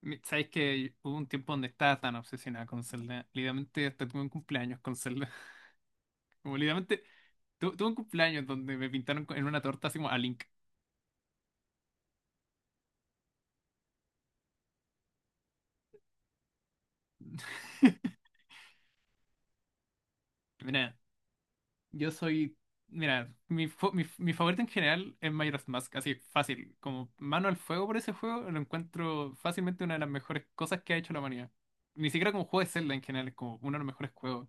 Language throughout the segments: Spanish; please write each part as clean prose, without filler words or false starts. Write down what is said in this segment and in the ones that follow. Sabes que hubo un tiempo donde estaba tan obsesionada con Zelda. Literalmente hasta tuve un cumpleaños con Zelda. Como literalmente tuve un cumpleaños donde me pintaron en una torta así como a Link. Mira, yo soy. Mira, mi favorito en general es Majora's Mask, así fácil. Como mano al fuego por ese juego, lo encuentro fácilmente una de las mejores cosas que ha hecho la humanidad. Ni siquiera como juego de Zelda en general, es como uno de los mejores juegos.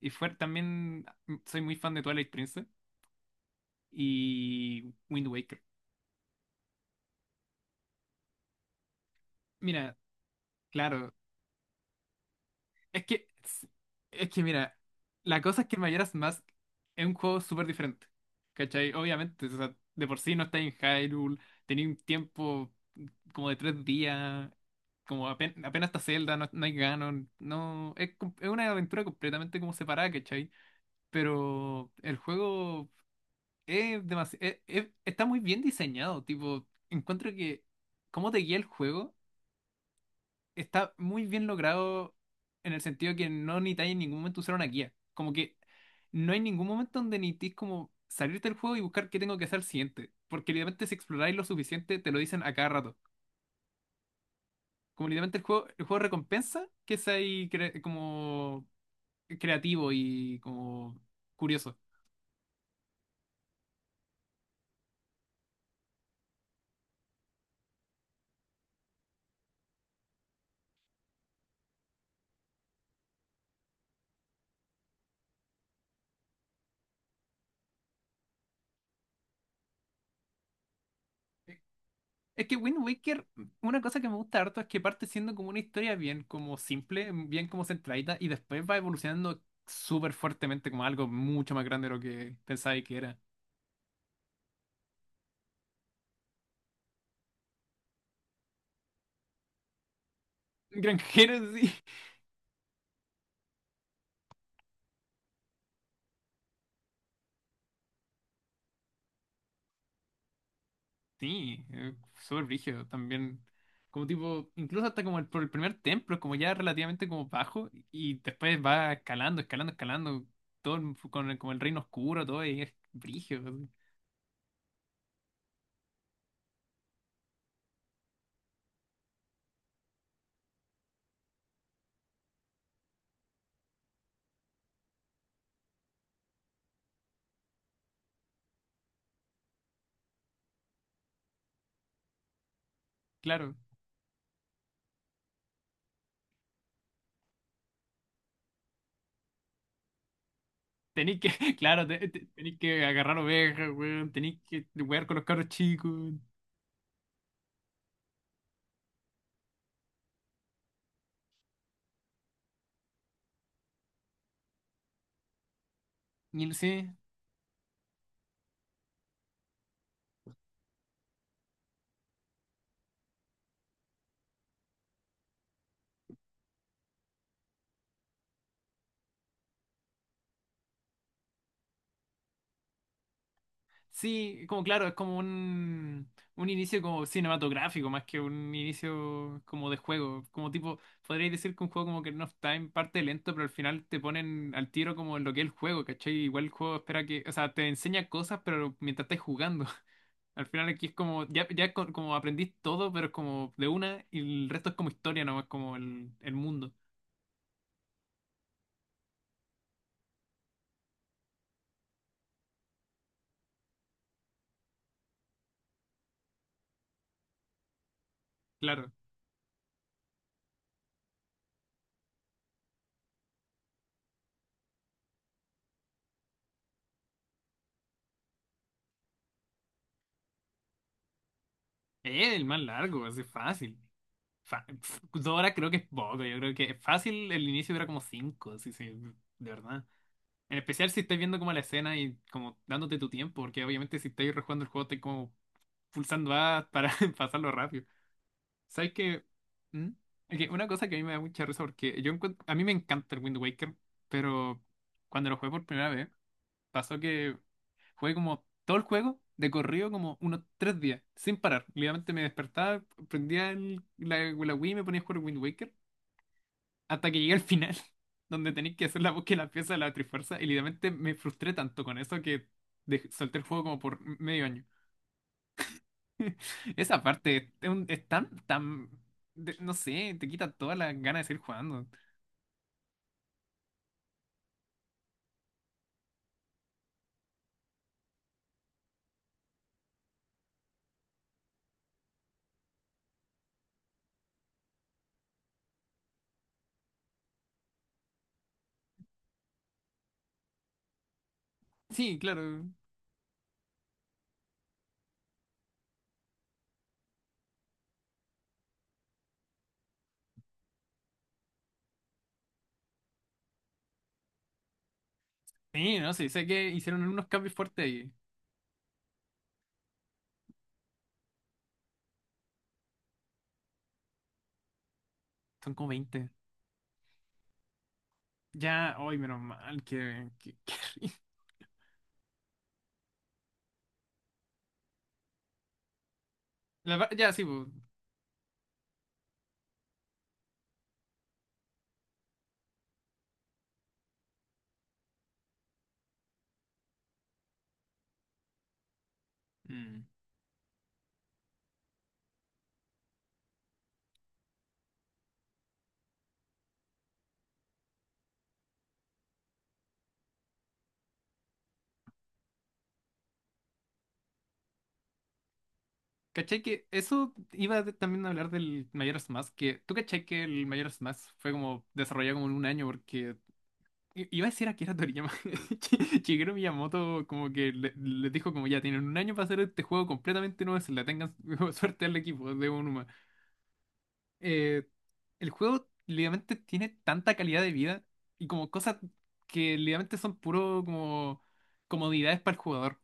También soy muy fan de Twilight Princess y Wind Waker. Mira, claro. Es que, es que mira, la cosa es que el Majora's Mask es un juego súper diferente, ¿cachai? Obviamente, o sea, de por sí no está en Hyrule, tenía un tiempo, como de 3 días, como apenas, está Zelda, no, no hay Ganon, no, es una aventura completamente como separada, ¿cachai? Pero el juego es demasi- es- está muy bien diseñado, tipo, encuentro que cómo te guía el juego está muy bien logrado en el sentido que no necesitáis en ningún momento usar una guía. Como que no hay ningún momento donde necesitéis como salirte del juego y buscar qué tengo que hacer al siguiente. Porque literalmente si exploráis lo suficiente, te lo dicen a cada rato. Como literalmente el juego recompensa que seáis como creativo y como curioso. Es que Wind Waker, una cosa que me gusta harto es que parte siendo como una historia bien como simple, bien como centradita, y después va evolucionando súper fuertemente como algo mucho más grande de lo que pensaba que era. Granjero, sí. Sí, súper brígido también. Como tipo, incluso hasta como por el primer templo, es como ya relativamente como bajo, y después va escalando, escalando, escalando, todo con el, como el reino oscuro, todo, y es brígido. Claro. Tenéis que, claro, tenéis que agarrar ovejas, weón, tenéis que jugar con los carros chicos. Y no sé, sí, como claro, es como un inicio como cinematográfico, más que un inicio como de juego. Como tipo, podríais decir que un juego como que no está en parte lento, pero al final te ponen al tiro como en lo que es el juego, ¿cachai? Igual el juego espera que, o sea, te enseña cosas, pero mientras estás jugando. Al final aquí es como, ya, ya, como aprendís todo, pero es como de una, y el resto es como historia nomás, como el mundo. Claro. El más largo, así fácil. 2 horas creo que es poco, yo creo que es fácil el inicio dura como cinco, sí, sí, de verdad. En especial si estás viendo como la escena y como dándote tu tiempo, porque obviamente si estás rejugando el juego estás como pulsando A para pasarlo rápido. ¿Sabes qué? ¿Mm? Es que una cosa que a mí me da mucha risa porque a mí me encanta el Wind Waker, pero cuando lo jugué por primera vez, pasó que jugué como todo el juego de corrido como unos 3 días, sin parar. Literalmente me despertaba, prendía la Wii y me ponía a jugar Wind Waker hasta que llegué al final, donde tenéis que hacer la búsqueda de la pieza de la Trifuerza. Y literalmente me frustré tanto con eso que solté el juego como por medio año. Esa parte es tan, tan, no sé, te quita todas las ganas de seguir jugando. Sí, claro. Sí, no sé, sé que hicieron unos cambios fuertes ahí. Son como 20. Ya, hoy menos mal que Ya, sí, mm. ¿Cachai que eso también a hablar del Majora's Mask? Que, ¿tú cachai que el Majora's Mask fue como desarrollado como en un año? Porque iba a decir a Akira Toriyama. Shigeru Miyamoto como que les dijo como ya tienen un año para hacer este juego completamente nuevo, se la tengan suerte al equipo de Onuma. Eh, el juego literalmente tiene tanta calidad de vida y como cosas que literalmente son puro como comodidades para el jugador.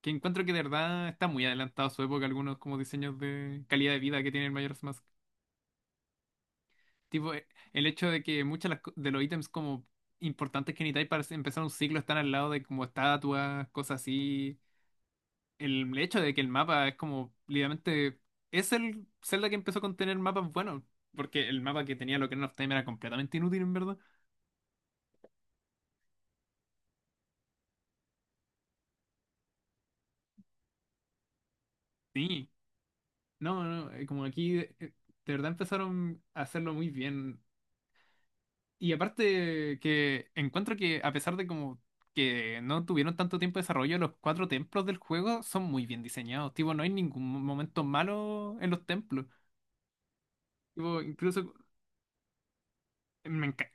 Que encuentro que de verdad está muy adelantado a su época algunos como diseños de calidad de vida que tiene el Majora's Mask. Tipo, el hecho de que muchos de los ítems como importantes que necesitáis para empezar un ciclo están al lado de como estatuas, cosas así. El hecho de que el mapa es como, literalmente, es el Zelda que empezó con tener mapas buenos. Porque el mapa que tenía lo que of Time era completamente inútil, en verdad. Sí. No, no, como aquí, de verdad empezaron a hacerlo muy bien. Y aparte que encuentro que a pesar de como que no tuvieron tanto tiempo de desarrollo, los cuatro templos del juego son muy bien diseñados. Tipo, no hay ningún momento malo en los templos. Tipo, incluso me encanta.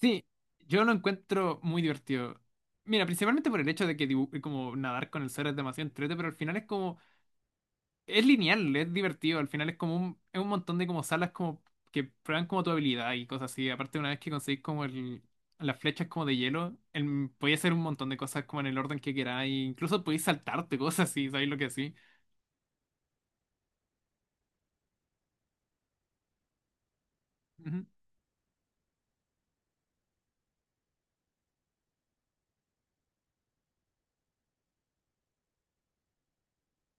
Sí, yo lo encuentro muy divertido. Mira, principalmente por el hecho de que como nadar con el suelo es demasiado entrete, pero al final es como. Es lineal, es divertido. Al final es como un, es un montón de como salas como que prueban como tu habilidad y cosas así. Aparte, una vez que conseguís como el, las flechas como de hielo, el, podéis hacer un montón de cosas como en el orden que queráis. Incluso podéis saltarte cosas así, ¿sabéis lo que sí? Ujú.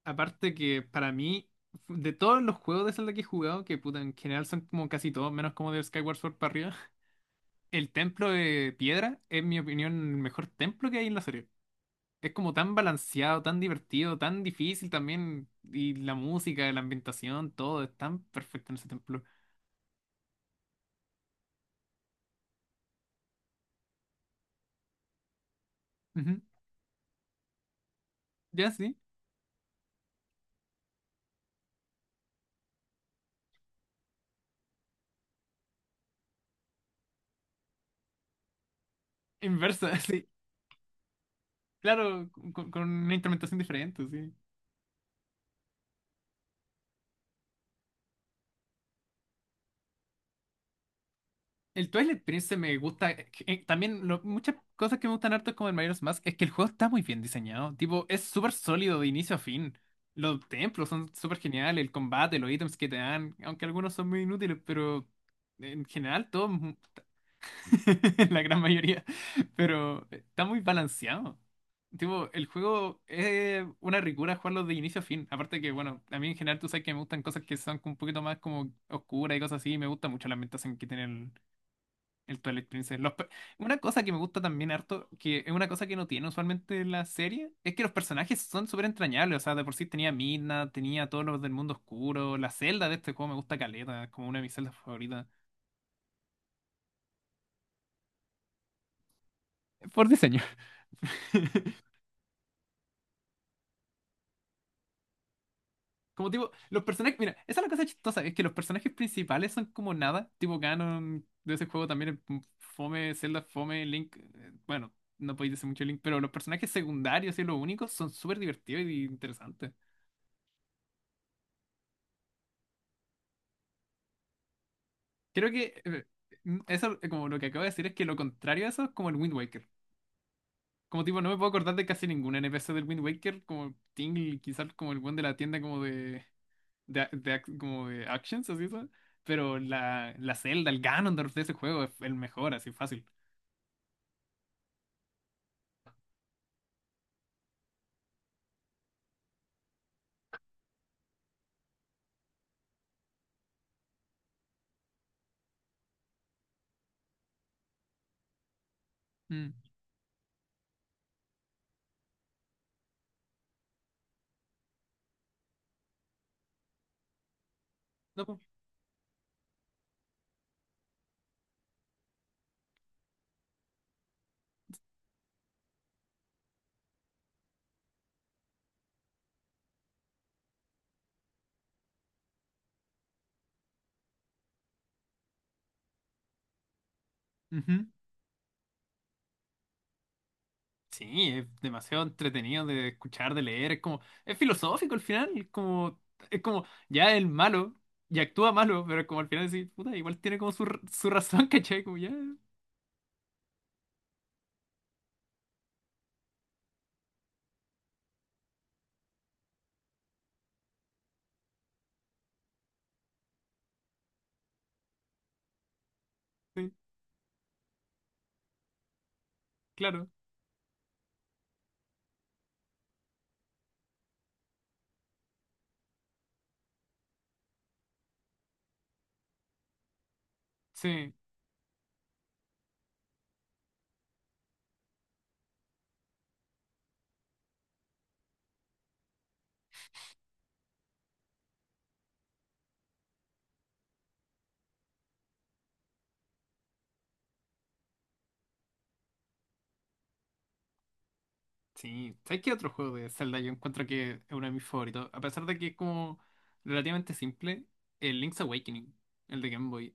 Aparte que para mí, de todos los juegos de Zelda que he jugado, que puta, en general son como casi todos, menos como de Skyward Sword para arriba, el templo de piedra es, en mi opinión, el mejor templo que hay en la serie. Es como tan balanceado, tan divertido, tan difícil también. Y la música, la ambientación, todo es tan perfecto en ese templo. Ujú. Ya, sí. Inversa, sí. Claro, con una instrumentación diferente, sí. El Twilight Prince me gusta. También muchas cosas que me gustan harto como el Majora's Mask es que el juego está muy bien diseñado. Tipo, es súper sólido de inicio a fin. Los templos son súper geniales, el combate, los ítems que te dan, aunque algunos son muy inútiles, pero en general todo la gran mayoría, pero está muy balanceado. Tipo, el juego es una ricura jugarlo de inicio a fin. Aparte que, bueno, a mí en general tú sabes que me gustan cosas que son un poquito más como oscuras y cosas así, y me gusta mucho la ambientación que tiene el Twilight Princess. Una cosa que me gusta también harto, que es una cosa que no tiene usualmente la serie, es que los personajes son súper entrañables. O sea, de por sí tenía Midna, tenía a todos los del mundo oscuro, la celda de este juego me gusta caleta, es como una de mis celdas favoritas. Por diseño. Como tipo, los personajes, mira, esa es la cosa chistosa, es que los personajes principales son como nada, tipo Ganon de ese juego también es fome, Zelda es fome, Link, bueno, no podéis decir mucho Link, pero los personajes secundarios y los únicos son súper divertidos y interesantes. Creo que eso, como lo que acabo de decir, es que lo contrario a eso es como el Wind Waker. Como tipo, no me puedo acordar de casi ningún NPC del Wind Waker, como Tingle, quizás como el buen de la tienda como de actions, así son. Pero la, la Zelda, el Ganondorf de ese juego es el mejor, así fácil. Mm. No, po. Ujú. Sí, es demasiado entretenido de escuchar, de leer, es como, es filosófico al final, es como, ya el malo, y actúa malo, pero es como al final decís, puta, igual tiene como su razón, ¿cachai? Como ya, sí, claro, sí, sí. ¿Sabes qué otro juego de Zelda yo encuentro que es uno de mis favoritos? A pesar de que es como relativamente simple, el Link's Awakening, el de Game Boy.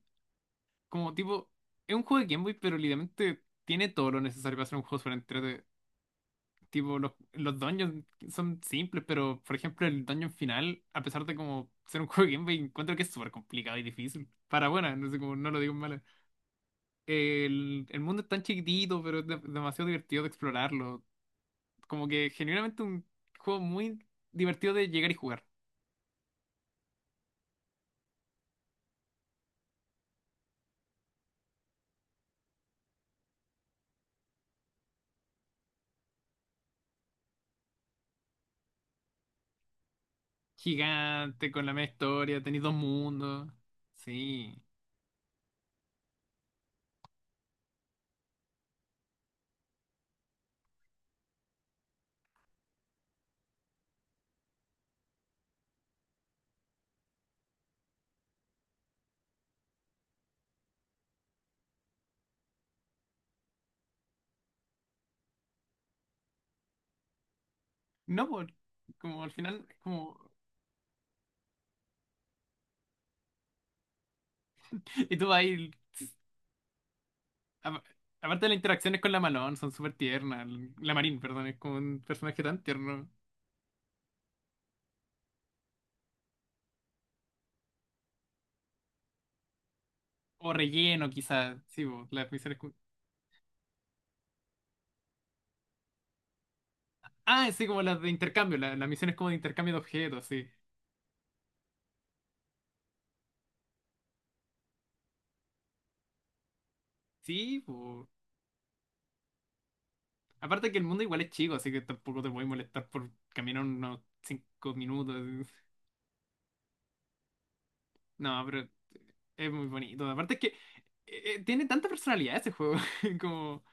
Como tipo, es un juego de Game Boy, pero literalmente tiene todo lo necesario para ser un juego súper entrete. Tipo, los dungeons son simples, pero por ejemplo, el dungeon final, a pesar de como ser un juego de Game Boy, encuentro que es súper complicado y difícil. Para buena, no sé cómo, no lo digo en mala. El mundo es tan chiquitito, pero es demasiado divertido de explorarlo. Como que genuinamente un juego muy divertido de llegar y jugar. Gigante, con la misma historia, tenéis dos mundos. Sí. No, por como al final, como Y tú vas ahí. a- Aparte de las interacciones con la Malone, son súper tiernas. La Marín, perdón, es como un personaje tan tierno. O relleno, quizás. Sí, po, las misiones. Ah, sí, como las de intercambio. Las misiones como de intercambio de objetos, sí. Sí, po. Aparte que el mundo igual es chico, así que tampoco te voy a molestar por caminar unos 5 minutos. No, pero es muy bonito. Aparte es que tiene tanta personalidad ese juego. Como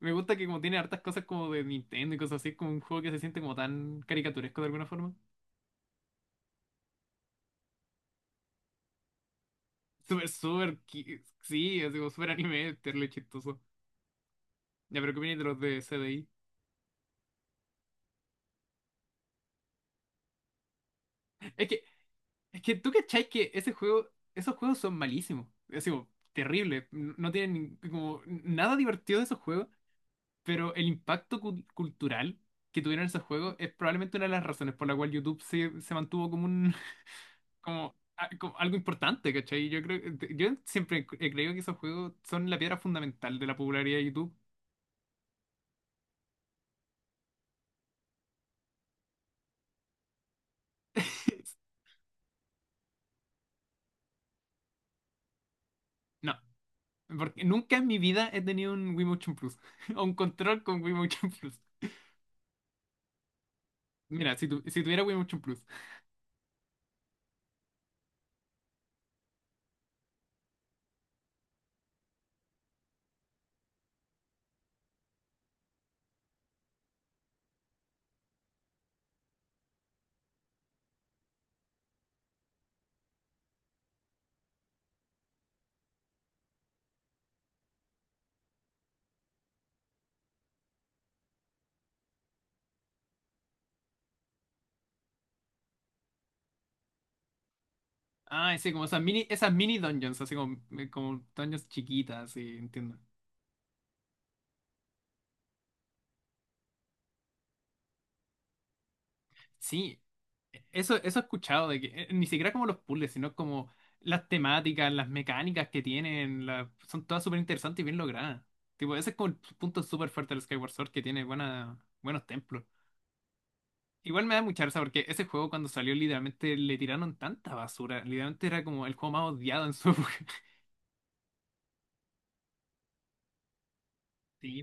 me gusta que como tiene hartas cosas como de Nintendo y cosas así, es como un juego que se siente como tan caricaturesco de alguna forma. Súper, súper, sí, es como súper anime, terrible chistoso. Ya, pero ¿qué opinas de los de CDI? Es que, es que tú cachai que ese juego, esos juegos son malísimos. Es como terrible. No no tienen como nada divertido de esos juegos. Pero el impacto cultural que tuvieron esos juegos es probablemente una de las razones por la cual YouTube se mantuvo como un como algo importante, ¿cachai? Yo creo, yo siempre he creído que esos juegos son la piedra fundamental de la popularidad de YouTube. No, porque nunca en mi vida he tenido un Wiimotion Plus o un control con Wiimotion Plus. Mira, si tuviera Wiimotion Plus. Ah, sí, como esas mini dungeons, así como, como dungeons chiquitas, sí, entiendo. Sí. Eso he escuchado, de que ni siquiera como los puzzles, sino como las temáticas, las mecánicas que tienen, son todas súper interesantes y bien logradas. Tipo, ese es como el punto súper fuerte del Skyward Sword, que tiene buena, buenos templos. Igual me da mucha risa porque ese juego cuando salió literalmente le tiraron tanta basura. Literalmente era como el juego más odiado en su época. Sí.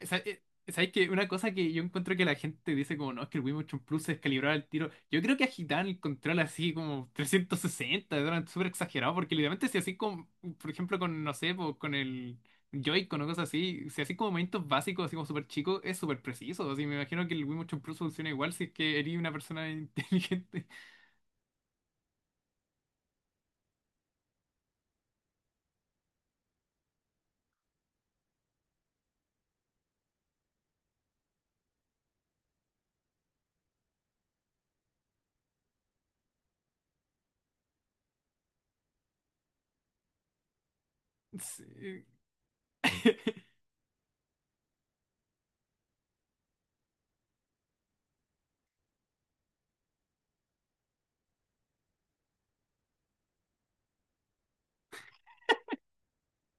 Sa- eh, ¿Sabes qué? Una cosa que yo encuentro que la gente dice como, no, es que el Wii Motion Plus se descalibraba el tiro. Yo creo que agitaban el control así como 360 eran súper exagerado porque literalmente si así como, por ejemplo, con, no sé, po, con el Joy-Con o cosas así, si así como movimientos básicos, así como súper chicos, es súper preciso. Así me imagino que el Wii Motion Plus funciona igual si es que eres una persona inteligente. Sí,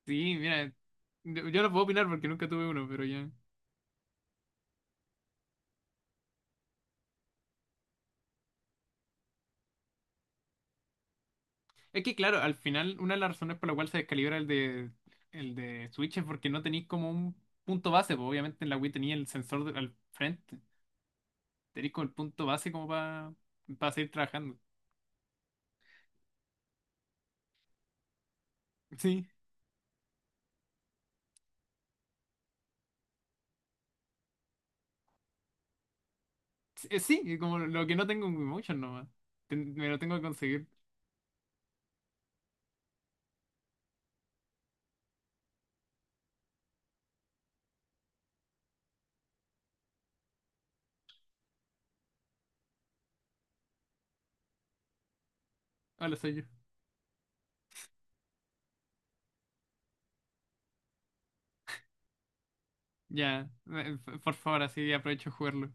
sí, mira, yo no puedo opinar porque nunca tuve uno, pero ya. Es que claro, al final una de las razones por la cual se descalibra el de Switch es porque no tenéis como un punto base, pues obviamente en la Wii tenía el sensor al frente, tenéis como el punto base como para seguir trabajando. Sí, sí, sí, como lo que no tengo en Wii Motion nomás, me lo tengo que conseguir. Hola, soy yo. Ya, por favor, así aprovecho de jugarlo.